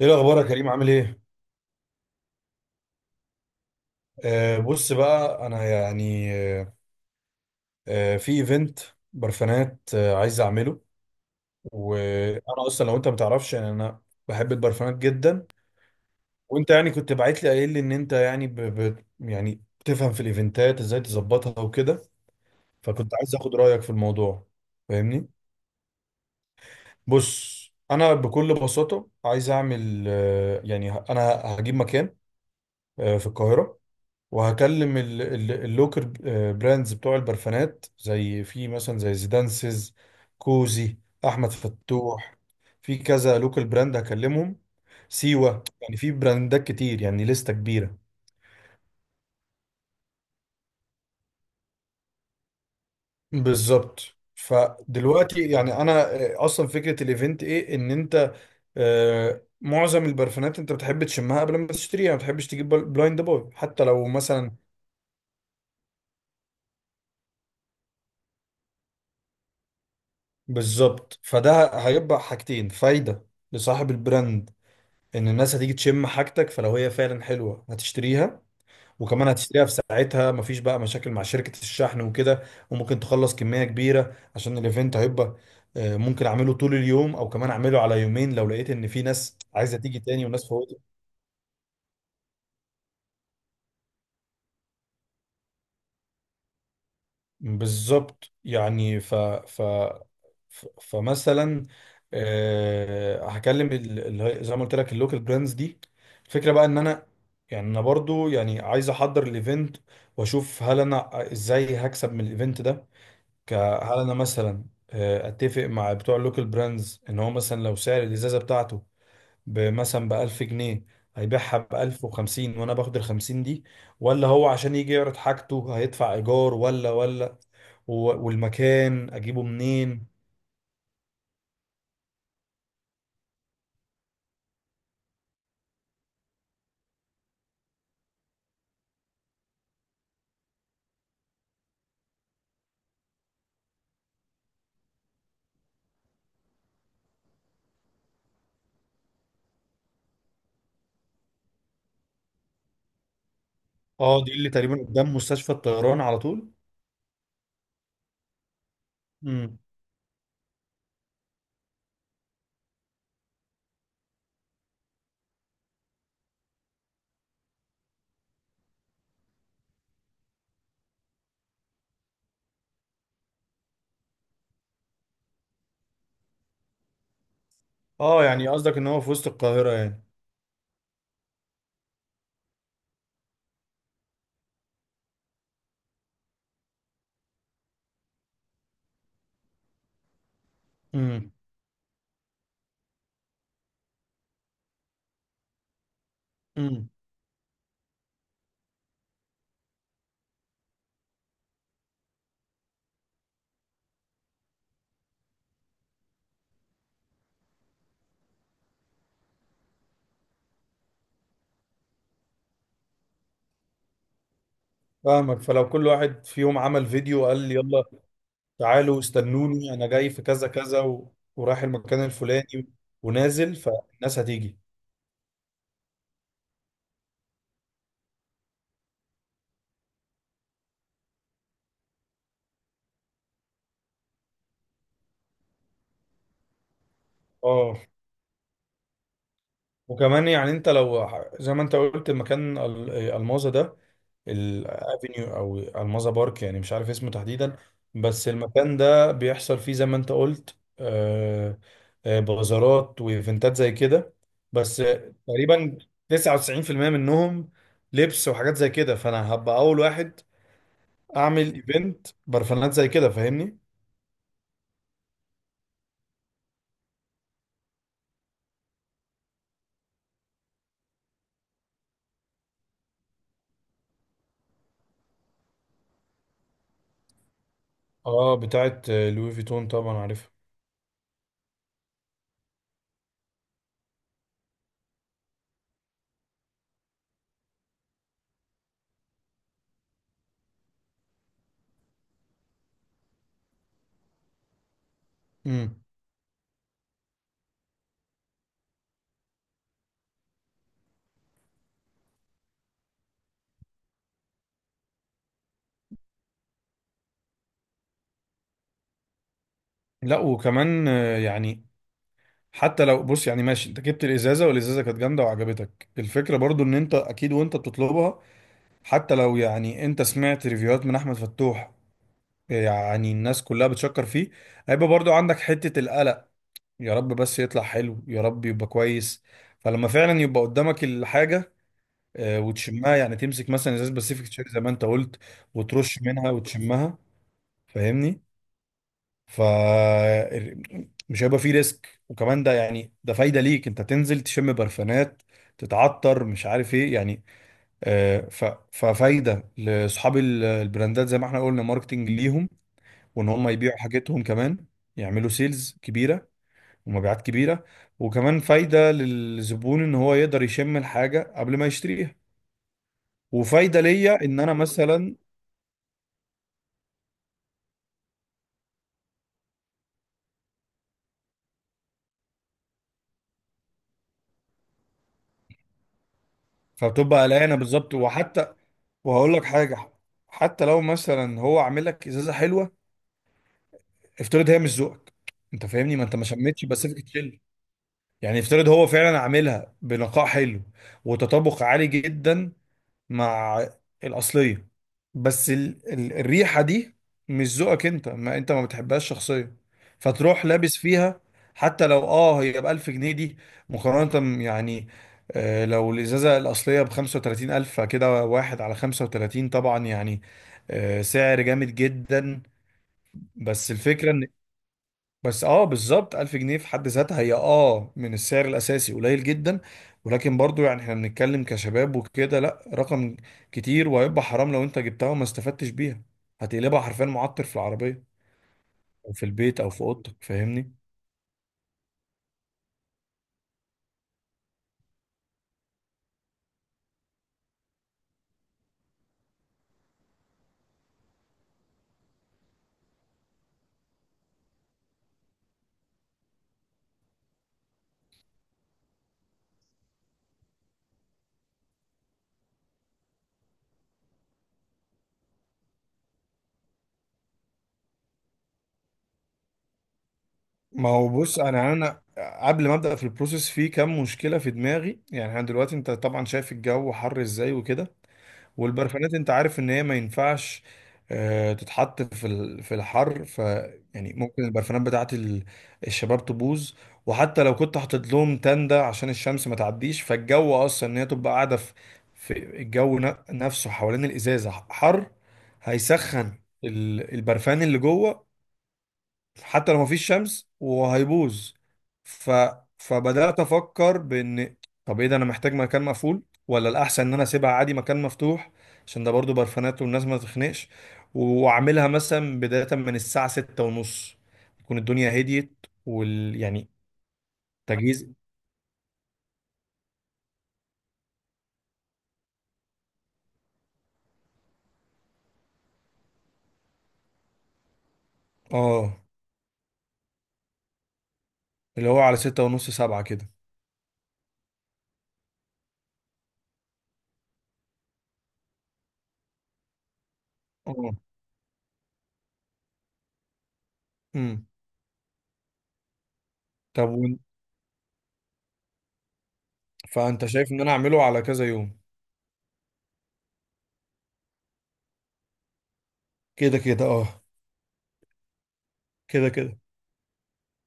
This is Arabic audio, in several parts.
ايه الاخبار يا كريم، عامل ايه؟ بص بقى، انا يعني آه في ايفنت برفانات عايز اعمله. وانا اصلا لو انت ما تعرفش، يعني انا بحب البرفانات جدا. وانت يعني كنت باعت لي قايل لي ان انت يعني ب ب يعني بتفهم في الايفنتات ازاي تظبطها وكده، فكنت عايز اخد رايك في الموضوع، فاهمني؟ بص، انا بكل بساطه عايز اعمل يعني انا هجيب مكان في القاهره، وهكلم اللوكر براندز بتوع البرفانات، زي في مثلا زي زيدانسز، كوزي، احمد فتوح. في كذا لوكال براند هكلمهم: سيوة، يعني في براندات كتير، يعني لستة كبيرة. بالظبط. فدلوقتي يعني انا، اصلا فكرة الايفنت ايه؟ ان انت، معظم البرفانات انت بتحب تشمها قبل ما تشتريها، ما بتحبش تجيب بلايند باي حتى لو مثلا. بالظبط. فده هيبقى حاجتين: فايدة لصاحب البراند ان الناس هتيجي تشم حاجتك، فلو هي فعلا حلوه هتشتريها، وكمان هتشتريها في ساعتها، مفيش بقى مشاكل مع شركه الشحن وكده. وممكن تخلص كميه كبيره عشان الايفنت هيبقى، ممكن اعمله طول اليوم او كمان اعمله على يومين لو لقيت ان في ناس عايزه تيجي تاني وناس فوتت. بالظبط. يعني فمثلا، هكلم زي ما قلت لك اللوكال براندز دي. الفكره بقى ان انا، يعني انا برضو يعني عايز احضر الايفنت واشوف هل انا ازاي هكسب من الايفنت ده. ك- هل انا مثلا اتفق مع بتوع اللوكال براندز ان هو مثلا، لو سعر الازازه بتاعته بمثلا ب1000 جنيه، هيبيعها ب1050 وأنا باخد ال50 دي؟ ولا هو عشان يجي يعرض حاجته هيدفع إيجار، ولا و- والمكان أجيبه منين؟ أه، دي اللي تقريبا قدام مستشفى الطيران على طول. امم. أه، يعني قصدك إن هو في وسط القاهرة يعني؟ امم. امم. فاهمك. فلو كل واحد فيهم عمل فيديو قال لي: يلا تعالوا استنوني، أنا جاي في كذا كذا ورايح المكان الفلاني، ونازل، فالناس هتيجي. اه. وكمان يعني انت لو زي ما انت قلت مكان الماظة ده، الافينيو او الماظة بارك، يعني مش عارف اسمه تحديدا. بس المكان ده بيحصل فيه زي ما انت قلت بازارات وايفنتات زي كده، بس تقريبا 99% منهم لبس وحاجات زي كده، فانا هبقى اول واحد اعمل ايفنت برفانات زي كده، فاهمني؟ اه، بتاعت لوي فيتون طبعا، عارفها. امم. لا، وكمان يعني حتى لو، بص يعني ماشي، انت جبت الازازه والازازه كانت جامده وعجبتك الفكره برضو ان انت، اكيد وانت بتطلبها، حتى لو يعني انت سمعت ريفيوهات من احمد فتوح يعني الناس كلها بتشكر فيه، هيبقى برضو عندك حته القلق: يا رب بس يطلع حلو، يا رب يبقى كويس. فلما فعلا يبقى قدامك الحاجه، وتشمها، يعني تمسك مثلا ازاز باسيفيك تشيري زي ما انت قلت، وترش منها وتشمها، فاهمني؟ ف مش هيبقى فيه ريسك. وكمان ده، يعني فايده ليك انت تنزل تشم برفانات، تتعطر مش عارف ايه يعني. آه، ف... ففايده لاصحاب البراندات زي ما احنا قلنا، ماركتنج ليهم، وان هم يبيعوا حاجتهم، كمان يعملوا سيلز كبيره ومبيعات كبيره. وكمان فايده للزبون ان هو يقدر يشم الحاجه قبل ما يشتريها. وفايده ليا ان انا مثلا، فبتبقى قلقانه، بالظبط. وحتى، وهقول لك حاجه، حتى لو مثلا هو عامل لك ازازه حلوه، افترض هي مش ذوقك انت، فاهمني؟ ما انت ما شميتش باسيفيك تشيل، يعني افترض هو فعلا عاملها بنقاء حلو وتطابق عالي جدا مع الاصليه، بس ال ال الريحه دي مش ذوقك انت، ما انت ما بتحبهاش شخصيا، فتروح لابس فيها، حتى لو هي ب 1000 جنيه دي، مقارنه يعني لو الازازه الاصليه ب 35000، كده واحد على 35 طبعا يعني سعر جامد جدا. بس الفكره ان، بس بالظبط 1000 جنيه في حد ذاتها هي من السعر الاساسي قليل جدا. ولكن برضو يعني احنا بنتكلم كشباب وكده، لا، رقم كتير، وهيبقى حرام لو انت جبتها وما استفدتش بيها، هتقلبها حرفيا معطر في العربيه او في البيت او في اوضتك، فاهمني؟ ما هو بص، انا قبل ما ابدا في البروسيس في كام مشكله في دماغي. يعني انا دلوقتي، انت طبعا شايف الجو حر ازاي وكده، والبرفانات انت عارف ان هي ما ينفعش تتحط في في الحر، ف يعني ممكن البرفانات بتاعت الشباب تبوظ. وحتى لو كنت حاطط لهم تندة عشان الشمس ما تعديش، فالجو اصلا ان هي تبقى قاعدة في الجو نفسه، حوالين الازازة حر، هيسخن البرفان اللي جوه حتى لو مفيش شمس، وهيبوظ. ف... فبدأت أفكر بإن: طب إيه ده، أنا محتاج مكان مقفول ولا الأحسن إن أنا أسيبها عادي مكان مفتوح، عشان ده برضو برفانات والناس ما تخنقش؟ وأعملها مثلا بداية من الساعة 6:30، تكون الدنيا هديت يعني تجهيز. آه اللي هو على 6:30، 7 كده. اه. امم. طب، فأنت شايف إن أنا أعمله على كذا يوم؟ كده كده، آه. كده كده،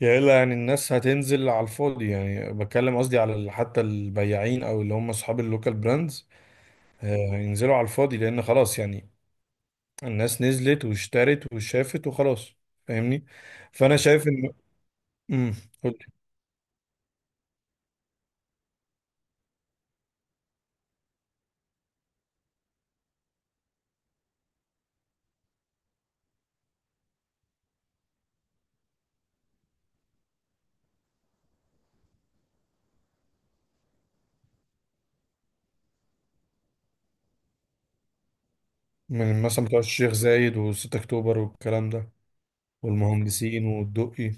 يا إلا يعني الناس هتنزل على الفاضي، يعني بتكلم قصدي على حتى البياعين او اللي هم اصحاب اللوكال براندز، هينزلوا على الفاضي، لان خلاص يعني الناس نزلت واشترت وشافت وخلاص، فاهمني؟ فانا شايف ان. امم. قول لي. من مثلا بتوع الشيخ زايد و6 اكتوبر والكلام ده، والمهندسين والدقي.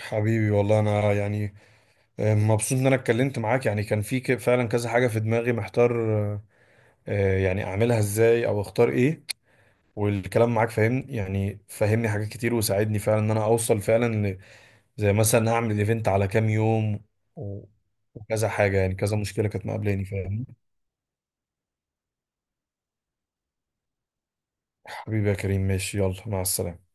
حبيبي، والله انا يعني مبسوط ان انا اتكلمت معاك، يعني كان في فعلا كذا حاجة في دماغي محتار، آه، يعني اعملها ازاي او اختار ايه، والكلام معاك فاهم يعني فهمني حاجات كتير وساعدني فعلا ان انا اوصل فعلا زي مثلا اعمل ايفنت على كام يوم و- وكذا حاجة، يعني كذا مشكلة كانت مقابلاني، فاهم؟ حبيبي يا كريم، ماشي، يلا مع السلامة.